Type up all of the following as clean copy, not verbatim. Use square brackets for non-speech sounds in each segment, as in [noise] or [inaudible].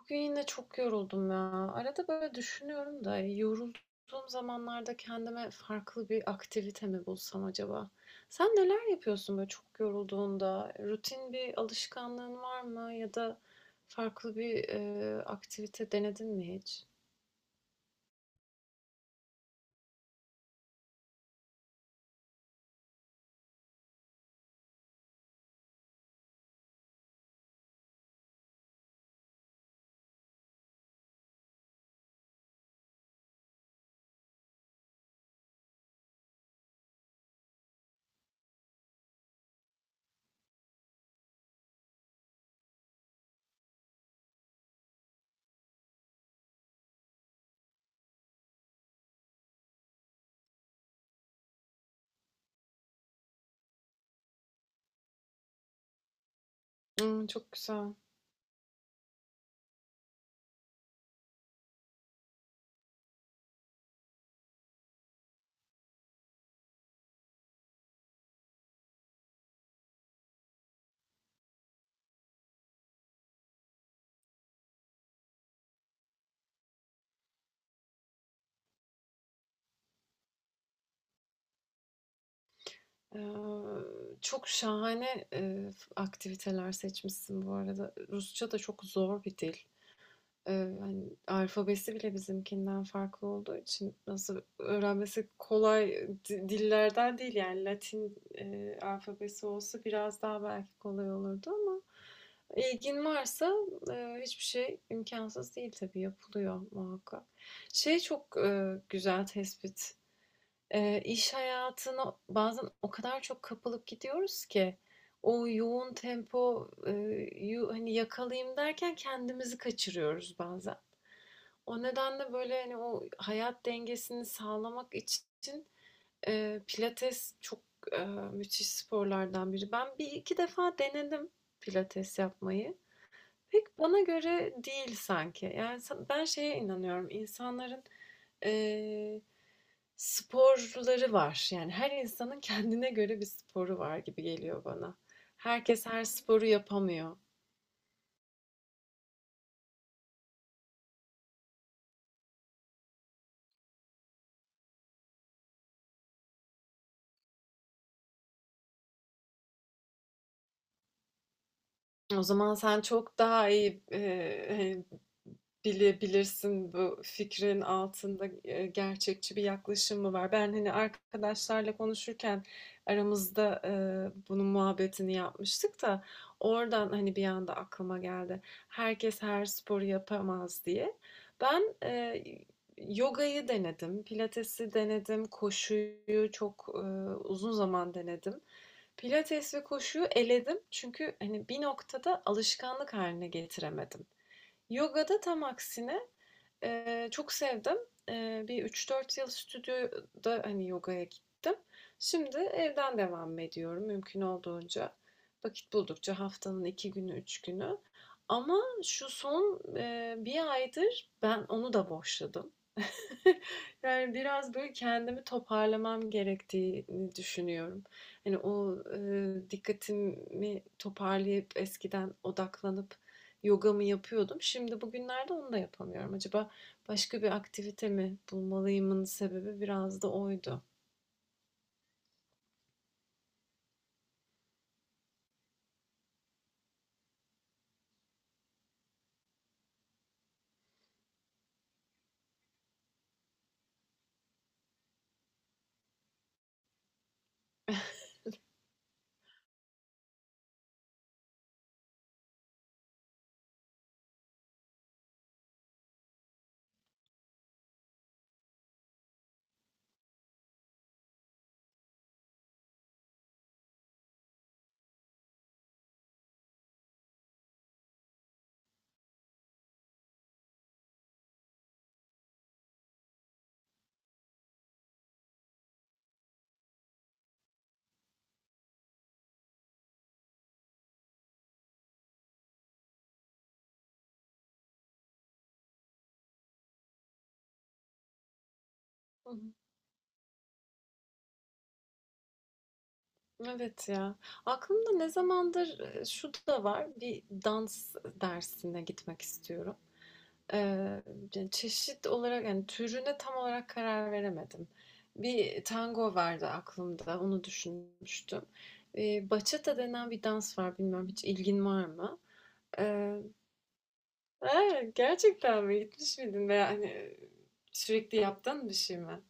Bugün yine çok yoruldum ya. Arada böyle düşünüyorum da yorulduğum zamanlarda kendime farklı bir aktivite mi bulsam acaba? Sen neler yapıyorsun böyle çok yorulduğunda? Rutin bir alışkanlığın var mı? Ya da farklı bir aktivite denedin mi hiç? Hmm, çok güzel. Ee, Çok şahane aktiviteler seçmişsin bu arada. Rusça da çok zor bir dil. Hani, alfabesi bile bizimkinden farklı olduğu için nasıl öğrenmesi kolay dillerden değil, yani, Latin, alfabesi olsa biraz daha belki kolay olurdu ama ilgin varsa, hiçbir şey imkansız değil tabii, yapılıyor muhakkak. Şey çok, güzel tespit. İş hayatına bazen o kadar çok kapılıp gidiyoruz ki o yoğun tempo yu hani, yakalayayım derken kendimizi kaçırıyoruz bazen. O nedenle böyle hani o hayat dengesini sağlamak için pilates çok müthiş sporlardan biri. Ben bir iki defa denedim pilates yapmayı. Pek bana göre değil sanki. Yani ben şeye inanıyorum. İnsanların eee, sporları var. Yani her insanın kendine göre bir sporu var gibi geliyor bana. Herkes her sporu yapamıyor. O zaman sen çok daha iyi hani, bilebilirsin bu fikrin altında gerçekçi bir yaklaşım mı var? Ben hani arkadaşlarla konuşurken aramızda bunun muhabbetini yapmıştık da oradan hani bir anda aklıma geldi. Herkes her sporu yapamaz diye. Ben yogayı denedim, pilatesi denedim, koşuyu çok uzun zaman denedim. Pilates ve koşuyu eledim çünkü hani bir noktada alışkanlık haline getiremedim. Yoga'da tam aksine, çok sevdim. Bir 3-4 yıl stüdyoda hani yogaya gittim. Şimdi evden devam ediyorum mümkün olduğunca. Vakit buldukça haftanın 2 günü, 3 günü. Ama şu son bir aydır ben onu da boşladım. Yani biraz böyle kendimi toparlamam gerektiğini düşünüyorum. Hani o dikkatimi toparlayıp eskiden odaklanıp yogamı yapıyordum. Şimdi bugünlerde onu da yapamıyorum. Acaba başka bir aktivite mi bulmalıyımın sebebi biraz da oydu. Hı hı. Evet ya. Aklımda ne zamandır şu da var. Bir dans dersine gitmek istiyorum. Eee, ce Çeşit olarak, yani, türüne tam olarak karar veremedim. Bir tango vardı aklımda, onu düşünmüştüm. Bachata denen bir dans var, bilmiyorum hiç ilgin var mı? Eee, he, gerçekten mi? Gitmiş miydin veya, hani, sürekli yaptığın bir şey mi?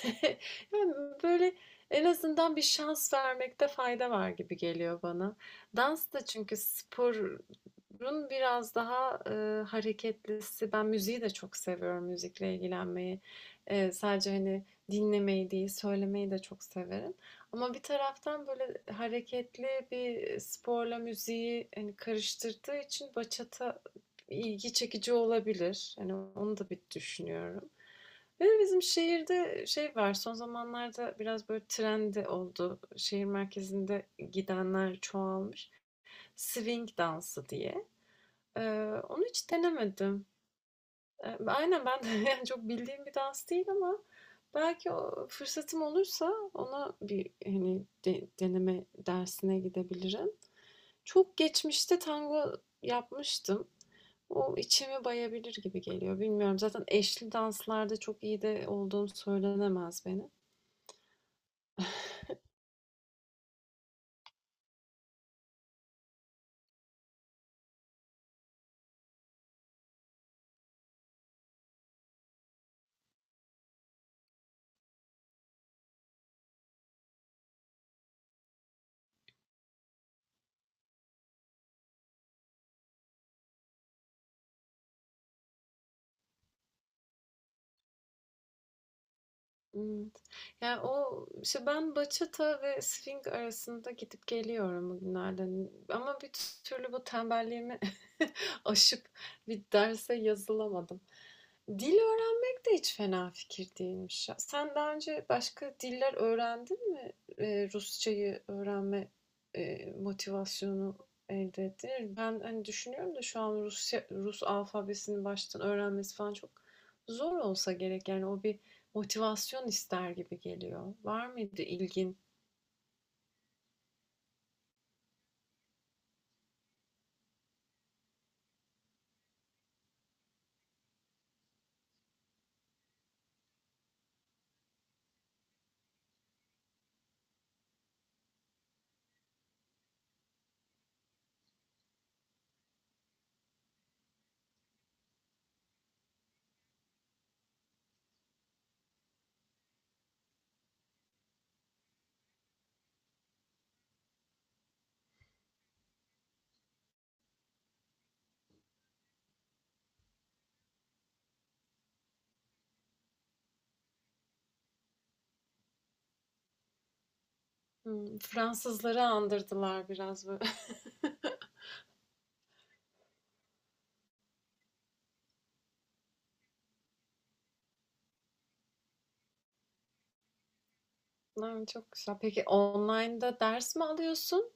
[laughs] Yani, böyle, en azından bir şans vermekte fayda var gibi geliyor bana. Dans da çünkü sporun biraz daha, hareketlisi. Ben müziği de çok seviyorum, müzikle ilgilenmeyi. Sadece, hani, dinlemeyi değil, söylemeyi de çok severim. Ama bir taraftan, böyle, hareketli bir sporla müziği, hani, karıştırdığı için bachata ilgi çekici olabilir. Yani onu da bir düşünüyorum. Bir de bizim şehirde şey var, son zamanlarda biraz böyle trend oldu. Şehir merkezinde gidenler çoğalmış. Swing dansı diye. Ee, Onu hiç denemedim. Aynen ben de [laughs] yani çok bildiğim bir dans değil ama belki o fırsatım olursa ona bir hani deneme dersine gidebilirim. Çok geçmişte tango yapmıştım. O içimi bayabilir gibi geliyor. Bilmiyorum. Zaten eşli danslarda çok iyi de olduğum söylenemez benim. Evet. Yani o işte ben bachata ve swing arasında gidip geliyorum bugünlerde. Ama bir türlü bu tembelliğimi [laughs] aşıp bir derse yazılamadım. Dil öğrenmek de hiç fena fikir değilmiş ya. Sen daha önce başka diller öğrendin mi? Rusçayı öğrenme motivasyonu elde ettin mi? Ben hani düşünüyorum da şu an Rusya, Rus alfabesini baştan öğrenmesi falan çok zor olsa gerek. Yani o bir motivasyon ister gibi geliyor. Var mıydı ilgin? Hmm, Fransızları andırdılar biraz böyle. [laughs] Lan, çok güzel. Peki online'da ders mi alıyorsun?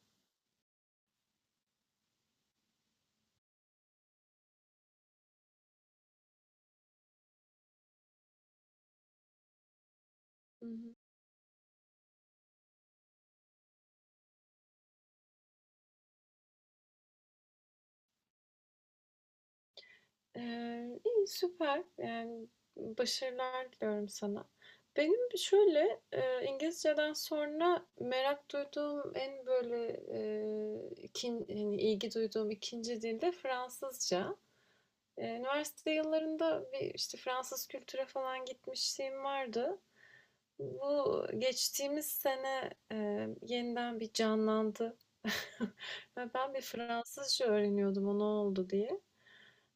Hı hı. İyi, süper. Yani, başarılar diliyorum sana. Benim şöyle, İngilizceden sonra merak duyduğum en böyle, ikin hani, ilgi duyduğum ikinci dil de Fransızca. Üniversite yıllarında bir, işte, Fransız kültüre falan gitmişliğim vardı. Bu geçtiğimiz sene, yeniden bir canlandı [laughs] ve ben bir Fransızca öğreniyordum o ne oldu diye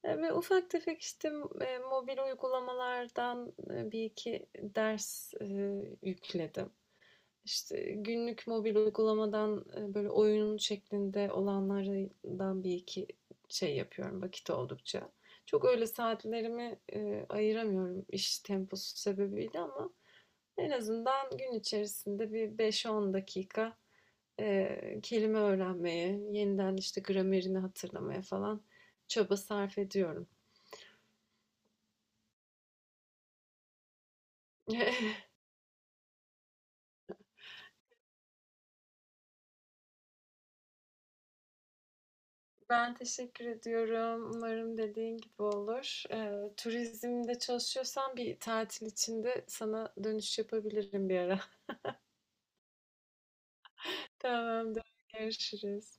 ve ufak tefek, işte, mobil uygulamalardan, 1-2 ders, yükledim. İşte, günlük mobil uygulamadan, böyle, oyun şeklinde olanlardan bir iki şey yapıyorum vakit oldukça. Çok öyle saatlerimi, ayıramıyorum iş temposu sebebiyle ama en azından gün içerisinde bir 5-10 dakika, kelime öğrenmeye, yeniden, işte, gramerini hatırlamaya falan çaba sarf ediyorum. [laughs] Ben teşekkür ediyorum. Umarım dediğin gibi olur. Turizmde çalışıyorsan bir tatil içinde sana dönüş yapabilirim bir ara. [laughs] Tamamdır. Görüşürüz.